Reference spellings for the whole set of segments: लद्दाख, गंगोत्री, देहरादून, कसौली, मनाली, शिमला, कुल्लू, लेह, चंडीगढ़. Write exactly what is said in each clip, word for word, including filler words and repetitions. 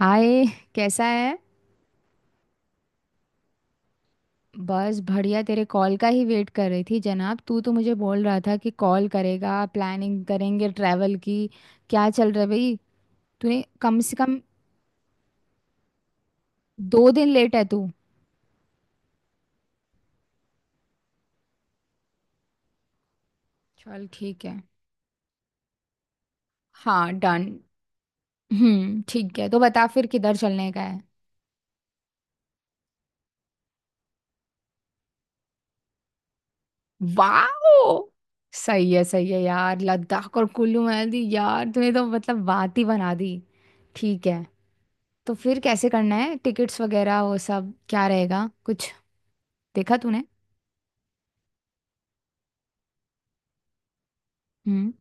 हाय, कैसा है। बस बढ़िया, तेरे कॉल का ही वेट कर रही थी जनाब। तू तो मुझे बोल रहा था कि कॉल करेगा, प्लानिंग करेंगे ट्रैवल की। क्या चल रहा है भाई। तूने कम से कम दो दिन लेट है तू। चल ठीक है, हाँ डन। हम्म, ठीक है, तो बता फिर किधर चलने का है। वाओ, सही है सही है यार, लद्दाख और कुल्लू मनाली, यार तूने तो मतलब बात ही बना दी। ठीक है, तो फिर कैसे करना है, टिकट्स वगैरह वो सब क्या रहेगा कुछ। देखा तूने। हम्म।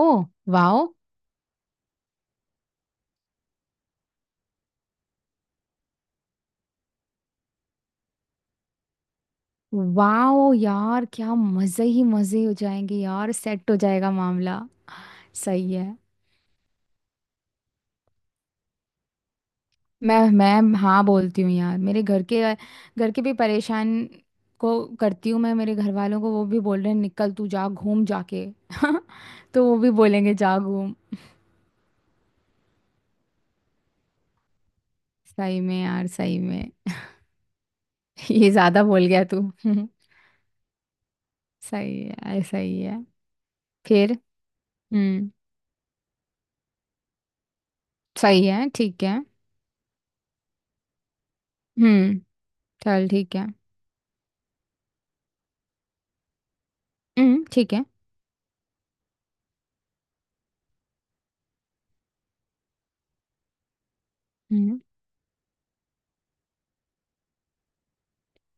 ओ, वाओ। वाओ यार, क्या मजे ही मजे हो जाएंगे यार, सेट हो जाएगा मामला। सही है। मैं मैं हाँ बोलती हूँ यार, मेरे घर के, घर के भी परेशान को करती हूँ मैं, मेरे घर वालों को। वो भी बोल रहे हैं निकल तू जा, घूम जाके। तो वो भी बोलेंगे जा घूम। सही में यार, सही में। ये ज्यादा बोल गया तू। सही है, ऐसा ही है। फिर हम्म, सही है ठीक है। हम्म, चल ठीक है। हम्म ठीक है। हम्म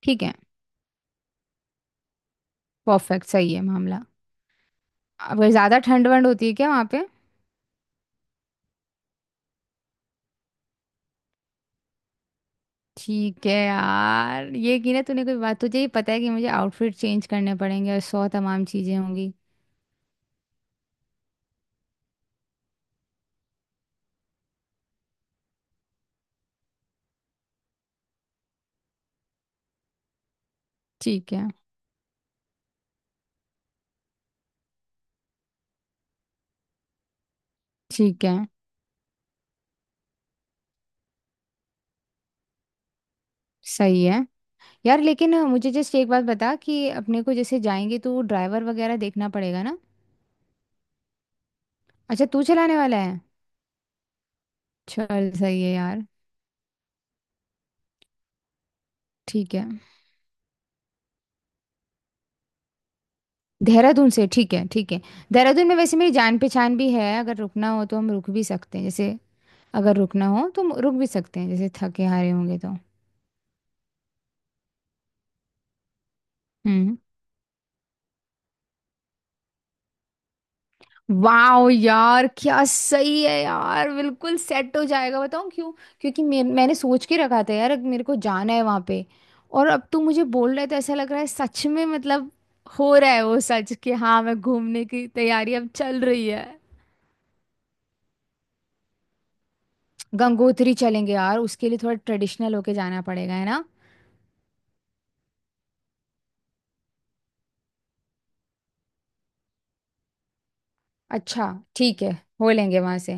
ठीक है, परफेक्ट, सही है मामला। अगर ज़्यादा ठंड वंड होती है क्या वहाँ पे। ठीक है यार, ये की ना तूने कोई बात। तुझे ही पता है कि मुझे आउटफिट चेंज करने पड़ेंगे और सौ तमाम चीज़ें होंगी। ठीक है ठीक है। सही है यार, लेकिन अ, मुझे जस्ट एक बात बता कि अपने को जैसे जाएंगे तो ड्राइवर वगैरह देखना पड़ेगा ना। अच्छा, तू चलाने वाला है। चल सही है यार। ठीक है, देहरादून से, ठीक है ठीक है। देहरादून में वैसे मेरी जान पहचान भी है, अगर रुकना हो तो हम रुक भी सकते हैं जैसे, अगर रुकना हो तो हम रुक भी सकते हैं जैसे थके हारे होंगे तो। हम्म। वाओ यार, क्या सही है यार, बिल्कुल सेट हो जाएगा, बताऊँ क्यों। क्योंकि मे, मैंने सोच के रखा था यार, अब मेरे को जाना है वहाँ पे। और अब तू मुझे बोल रहा है तो ऐसा लग रहा है सच में, मतलब हो रहा है वो सच कि हाँ, मैं घूमने की तैयारी अब चल रही है। गंगोत्री चलेंगे यार, उसके लिए थोड़ा ट्रेडिशनल होके जाना पड़ेगा है ना। अच्छा, ठीक है, हो लेंगे वहां से।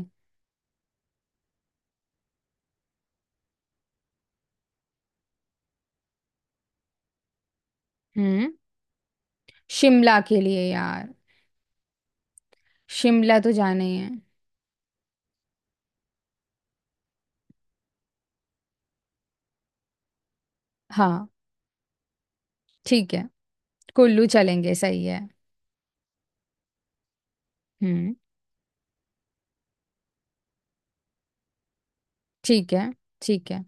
हम्म, शिमला के लिए यार। शिमला तो जाना ही है। हाँ, ठीक है। कुल्लू चलेंगे, सही है। हम्म, ठीक है ठीक है।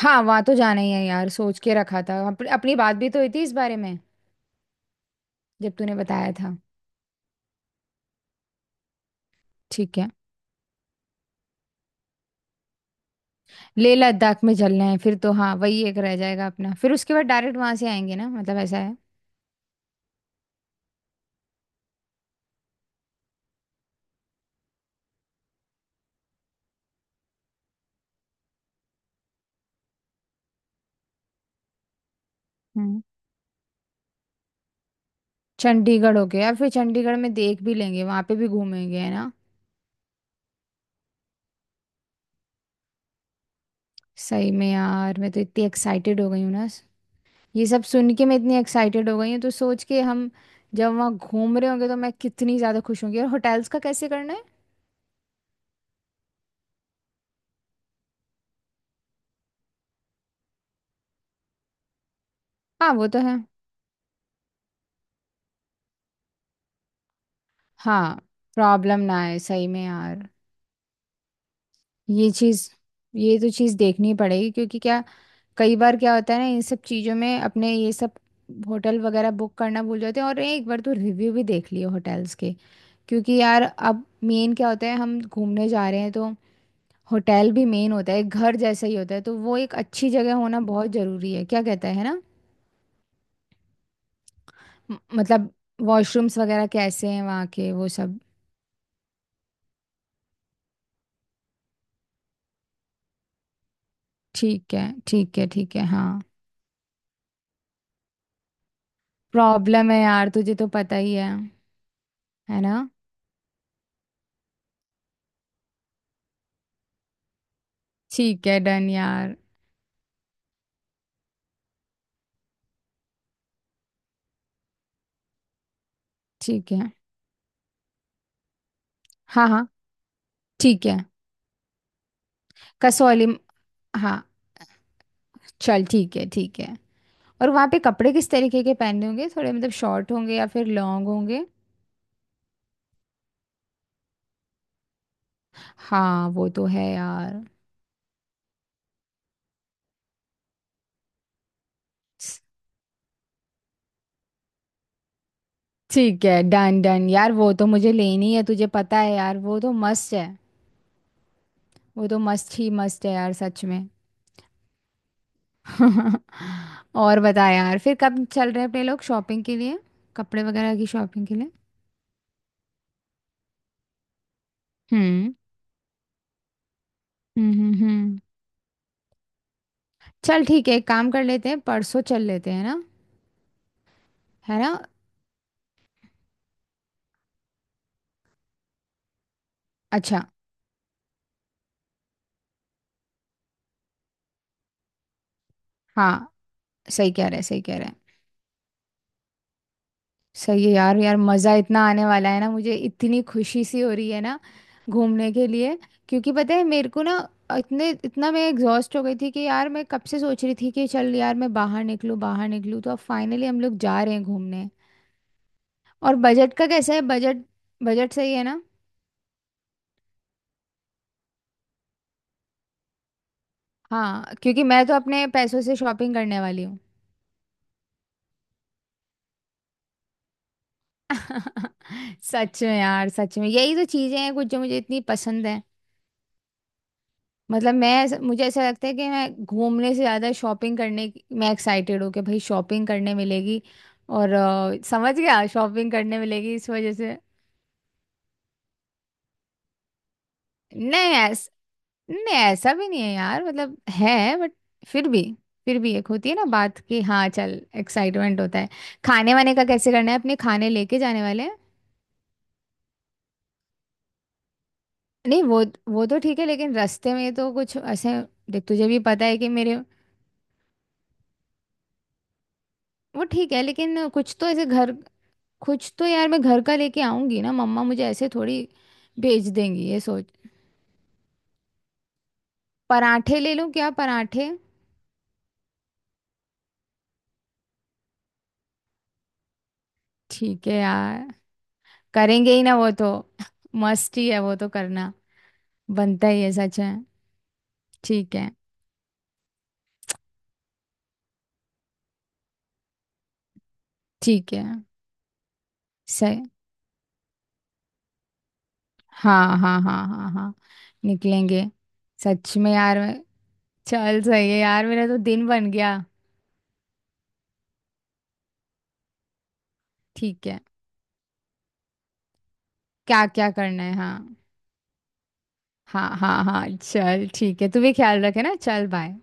हाँ, वहाँ तो जाना ही है यार, सोच के रखा था। अप, अपनी बात भी तो हुई थी इस बारे में जब तूने बताया था। ठीक है। लेह लद्दाख में चलना है फिर तो। हाँ, वही एक रह जाएगा अपना। फिर उसके बाद डायरेक्ट वहां से आएंगे ना, मतलब ऐसा है। हम्म, चंडीगढ़ हो गया। फिर चंडीगढ़ में देख भी लेंगे, वहां पे भी घूमेंगे है ना। सही में यार, मैं तो इतनी एक्साइटेड हो गई हूँ ना। ये सब सुन के मैं इतनी एक्साइटेड हो गई हूँ, तो सोच के हम जब वहाँ घूम रहे होंगे तो मैं कितनी ज़्यादा खुश होंगी। और होटल्स का कैसे करना है। हाँ वो तो है। हाँ, प्रॉब्लम ना आए, सही में यार। ये चीज़, ये तो चीज़ देखनी पड़ेगी, क्योंकि क्या कई बार क्या होता है ना, इन सब चीज़ों में अपने ये सब होटल वगैरह बुक करना भूल जाते हैं। और एक बार तो रिव्यू भी देख लियो होटल्स के, क्योंकि यार अब मेन क्या होता है, हम घूमने जा रहे हैं तो होटल भी मेन होता है, एक घर जैसा ही होता है, तो वो एक अच्छी जगह होना बहुत जरूरी है, क्या कहता है है ना। म- मतलब वॉशरूम्स वगैरह कैसे हैं वहाँ के, वो सब। ठीक है ठीक है ठीक है हाँ। प्रॉब्लम है यार, तुझे तो पता ही है। है ना। ठीक है डन यार। ठीक है, हाँ हाँ। ठीक है। कसौली म- हाँ, चल ठीक है ठीक है। और वहाँ पे कपड़े किस तरीके के पहनने होंगे, थोड़े मतलब शॉर्ट होंगे या फिर लॉन्ग होंगे। हाँ वो तो है यार। ठीक है डन डन यार, वो तो मुझे लेनी है, तुझे पता है यार, वो तो मस्त है। वो तो मस्त ही मस्त है यार, सच में। और बता यार, फिर कब चल रहे हैं अपने लोग शॉपिंग के लिए, कपड़े वगैरह की शॉपिंग के लिए। हम्म हम्म हम्म हम्म। चल ठीक है, एक काम कर लेते हैं, परसों चल लेते हैं ना। है ना। अच्छा, हाँ। सही कह रहे, सही कह रहे। सही है यार, यार मज़ा इतना आने वाला है ना, मुझे इतनी खुशी सी हो रही है ना घूमने के लिए। क्योंकि पता है मेरे को ना, इतने इतना मैं एग्जॉस्ट हो गई थी कि यार, मैं कब से सोच रही थी कि चल यार मैं बाहर निकलूँ, बाहर निकलूँ, तो अब फाइनली हम लोग जा रहे हैं घूमने। और बजट का कैसा है, बजट, बजट सही है ना। हाँ, क्योंकि मैं तो अपने पैसों से शॉपिंग करने वाली हूँ। सच में यार, सच में, यही तो चीज़ें हैं कुछ जो मुझे इतनी पसंद है। मतलब मैं ऐसा- मुझे ऐसा लगता है कि मैं घूमने से ज़्यादा शॉपिंग करने की मैं एक्साइटेड हूँ कि भाई शॉपिंग करने मिलेगी। और अ, समझ गया, शॉपिंग करने मिलेगी इस वजह से। नहीं ऐस नहीं ऐसा भी नहीं है यार, मतलब है बट। फिर भी, फिर भी एक होती है ना बात कि हाँ चल, एक्साइटमेंट होता है। खाने वाने का कैसे करना है, अपने खाने लेके जाने वाले हैं। नहीं, वो वो तो ठीक है लेकिन रास्ते में तो कुछ ऐसे, देख तुझे भी पता है कि मेरे। वो ठीक है, लेकिन कुछ तो ऐसे घर, कुछ तो यार मैं घर का लेके आऊंगी ना। मम्मा मुझे ऐसे थोड़ी भेज देंगी, ये सोच। पराठे ले लूं क्या, पराठे। ठीक है यार, करेंगे ही ना वो तो। मस्त ही है वो तो करना, बनता ही है, सच है। ठीक है ठीक है। सही। हाँ हाँ हाँ हाँ हाँ, निकलेंगे। सच में यार मैं- चल सही है यार, मेरा तो दिन बन गया। ठीक है, क्या क्या करना है, हाँ। हाँ हाँ हाँ, चल ठीक है, तू भी ख्याल रखे ना, चल बाय।